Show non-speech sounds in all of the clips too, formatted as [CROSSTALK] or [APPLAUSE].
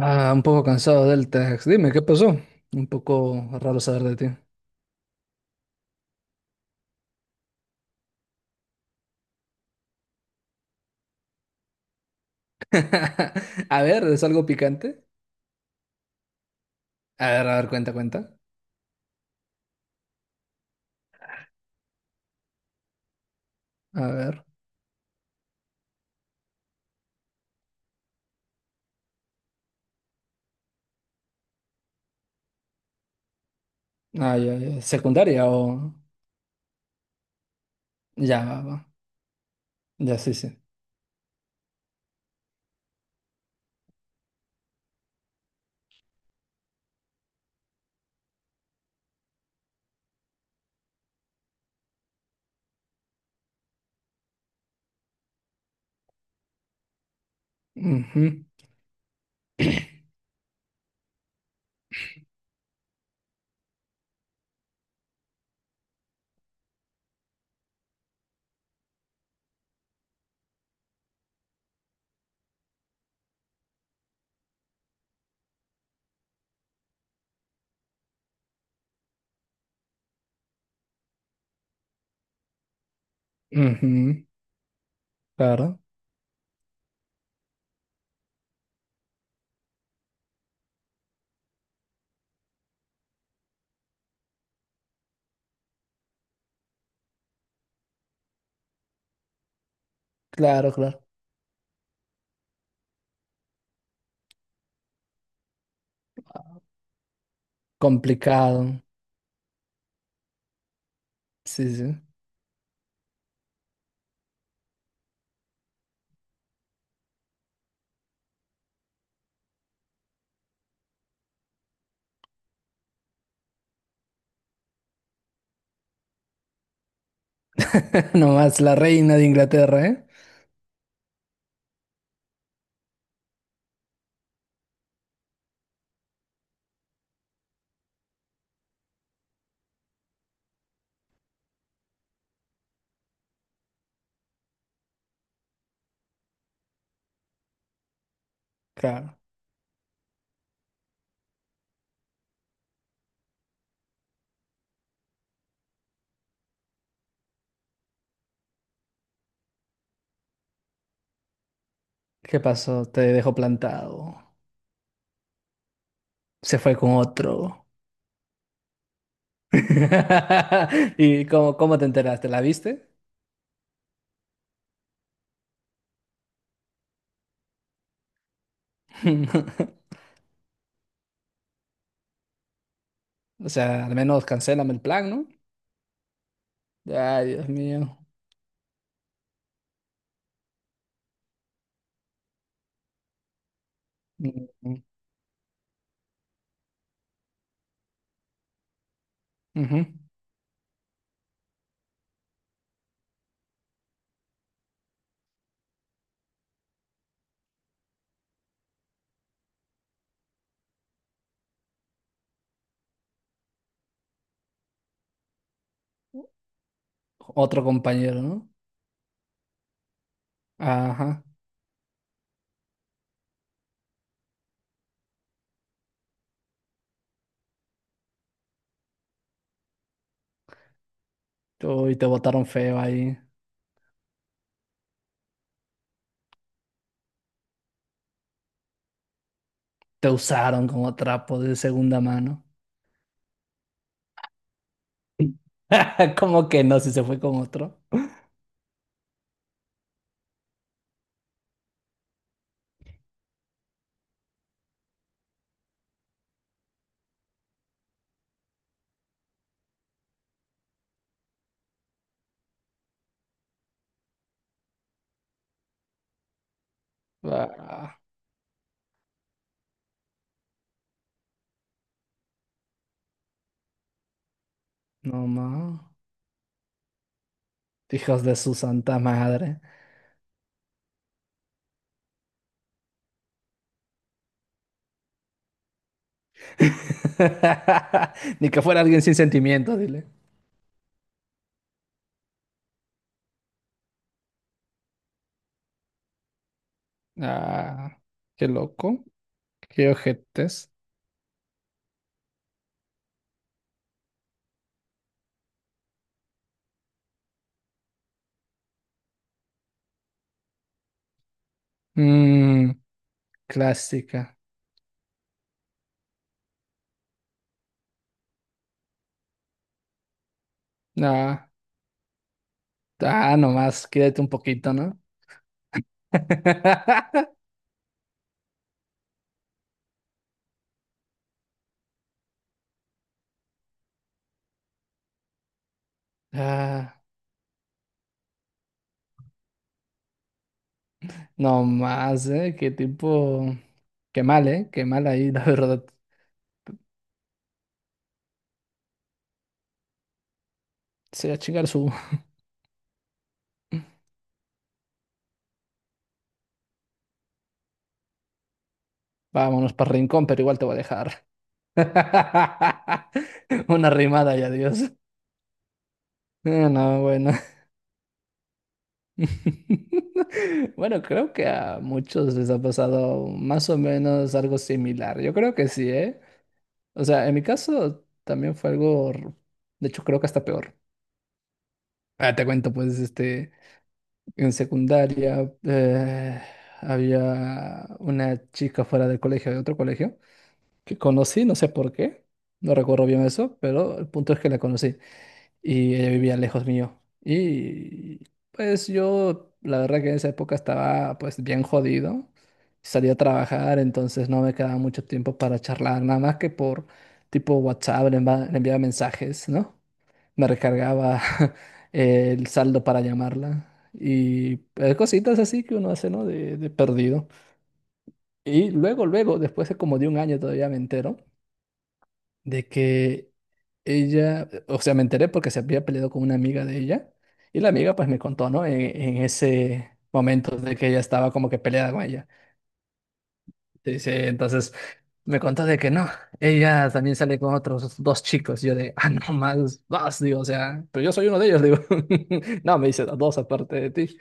Ah, un poco cansado del Tex. Dime, ¿qué pasó? Un poco raro saber de ti. [LAUGHS] A ver, ¿es algo picante? A ver, cuenta, cuenta. A ver. Ah, ya, ya. ¿Secundaria o...? Ya, va, va. Ya, sí, sí. Ujú, ujú. Claro, claro, claro. Complicado. Sí, sí. [LAUGHS] Nomás la reina de Inglaterra, ¿eh? Claro. ¿Qué pasó? Te dejó plantado. Se fue con otro. [LAUGHS] ¿Y cómo te enteraste? ¿La viste? [LAUGHS] O sea, al menos cancélame el plan, ¿no? Ay, Dios mío. Ujú. Ujú. Otro compañero, ¿no? Ajá. Uy, te botaron feo ahí. Te usaron como trapo de segunda mano. [LAUGHS] ¿Cómo que no? Si se fue con otro. Ah, no más. Hijos de su santa madre. [LAUGHS] Ni que fuera alguien sin sentimientos, dile. Ah, qué loco. Qué ojetes. Mm, Clásica. Ah, Ah, nomás, quédate un poquito, ¿no? [LAUGHS] Ah, nomás, ¿eh? Qué tipo... Qué mal, ¿eh? Qué mal ahí, [LAUGHS] la verdad. Se va a chingar su... Vámonos para Rincón, pero igual te voy a dejar. [LAUGHS] Una rimada y adiós. Ah, no, bueno. [LAUGHS] Bueno, creo que a muchos les ha pasado más o menos algo similar. Yo creo que sí, ¿eh? O sea, en mi caso también fue algo... De hecho, creo que hasta peor. Ah, te cuento, pues. En secundaria había una chica fuera del colegio, de otro colegio, que conocí, no sé por qué, no recuerdo bien eso, pero el punto es que la conocí y ella vivía lejos mío. Y pues yo, la verdad que en esa época estaba pues bien jodido, salía a trabajar, entonces no me quedaba mucho tiempo para charlar, nada más que por tipo WhatsApp, le enviaba mensajes, ¿no? Me recargaba [LAUGHS] el saldo para llamarla. Y cositas así que uno hace, ¿no? De perdido. Y luego, luego, después de como de un año todavía me entero de que ella, o sea, me enteré porque se había peleado con una amiga de ella. Y la amiga pues me contó, ¿no? En ese momento de que ella estaba como que peleada con ella. Sí, sí, entonces me contó de que no, ella también sale con otros dos chicos. Yo de, ah, no más, vas, digo, o sea, pero yo soy uno de ellos, digo. [LAUGHS] No, me dice, dos aparte de ti.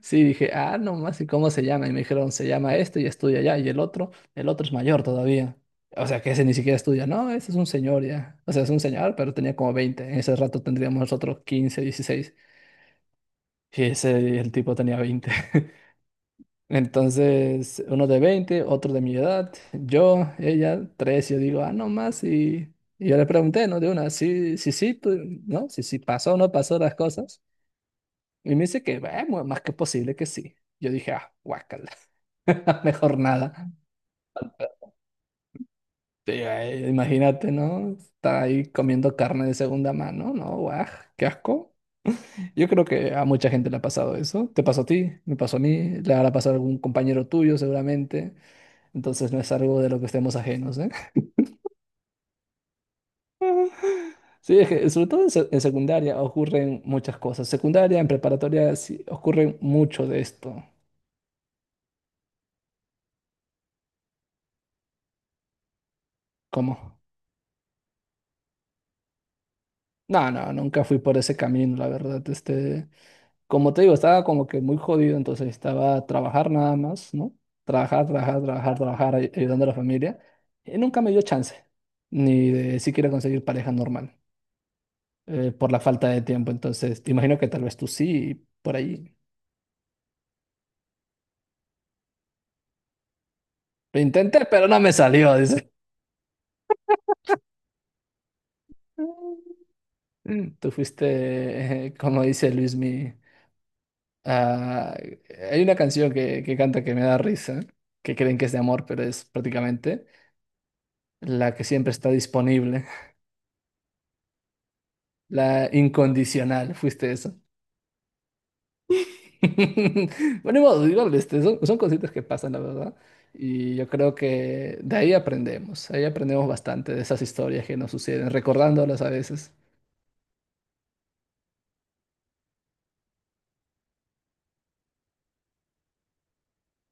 Sí, dije, ah, no más, ¿y cómo se llama? Y me dijeron, se llama este y estudia allá, y el otro es mayor todavía. O sea, que ese ni siquiera estudia, no, ese es un señor ya. O sea, es un señor, pero tenía como 20. En ese rato tendríamos nosotros 15, 16 Y ese, el tipo tenía 20, entonces, uno de 20, otro de mi edad, yo, ella, tres. Yo digo, ah, no más, y yo le pregunté, ¿no? De una, sí, sí, sí, tú, ¿no? Si sí, pasó o no pasó las cosas. Y me dice que, bueno, más que posible que sí. Yo dije, ah, guácala, [LAUGHS] mejor nada. Sí, imagínate, ¿no? Está ahí comiendo carne de segunda mano, ¿no? Guaj, qué asco. Yo creo que a mucha gente le ha pasado eso. Te pasó a ti, me pasó a mí, le habrá pasado a algún compañero tuyo seguramente. Entonces no es algo de lo que estemos ajenos, ¿eh? [LAUGHS] Sí, es que sobre todo en secundaria ocurren muchas cosas. Secundaria, en preparatoria, sí, ocurren mucho de esto. ¿Cómo? No, no, nunca fui por ese camino, la verdad. Como te digo, estaba como que muy jodido, entonces estaba a trabajar nada más, ¿no? Trabajar, trabajar, trabajar, trabajar, ayudando a la familia. Y nunca me dio chance, ni de siquiera conseguir pareja normal, por la falta de tiempo. Entonces, te imagino que tal vez tú sí, por ahí. Lo intenté, pero no me salió, dice. Tú fuiste, como dice Luismi, ah, hay una canción que canta que me da risa, que creen que es de amor, pero es prácticamente la que siempre está disponible, la incondicional, fuiste eso. [LAUGHS] Bueno, ni modo, igual, son cositas que pasan, la verdad, y yo creo que de ahí aprendemos bastante de esas historias que nos suceden, recordándolas a veces,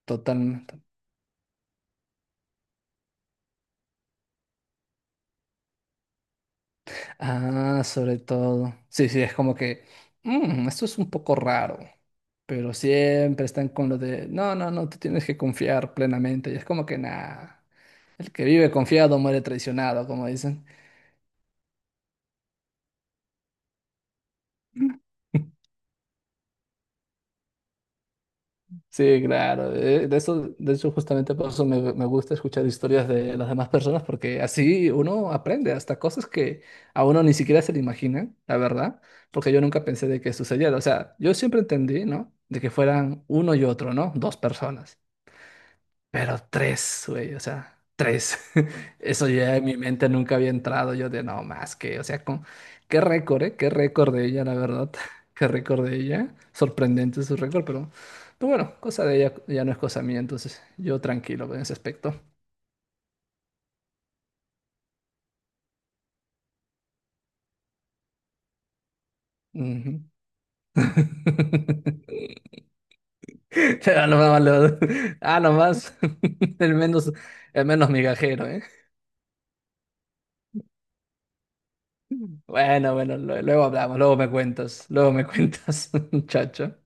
total. Ah, sobre todo. Sí, sí, es como que, "Mm, esto es un poco raro", pero siempre están con lo de, no, no, no, tú tienes que confiar plenamente. Y es como que, nada, el que vive confiado muere traicionado, como dicen. [LAUGHS] Sí, claro. De eso, de hecho, justamente por eso me gusta escuchar historias de las demás personas, porque así uno aprende hasta cosas que a uno ni siquiera se le imaginan, la verdad, porque yo nunca pensé de que sucediera. O sea, yo siempre entendí, ¿no? De que fueran uno y otro, ¿no? Dos personas. Pero tres, güey, o sea, tres. [LAUGHS] Eso ya en mi mente nunca había entrado. Yo de no más que, o sea, con qué récord, ¿eh? Qué récord de ella, la verdad. [LAUGHS] Qué récord de ella. Sorprendente su récord, pero, bueno, cosa de ella ya no es cosa mía, entonces yo tranquilo en ese aspecto. Ujú. [LAUGHS] Ah, nomás, lo- ah, nomás. [LAUGHS] El menos, el menos migajero, ¿eh? Bueno, bueno, luego hablamos, luego me cuentas, [LAUGHS] muchacho.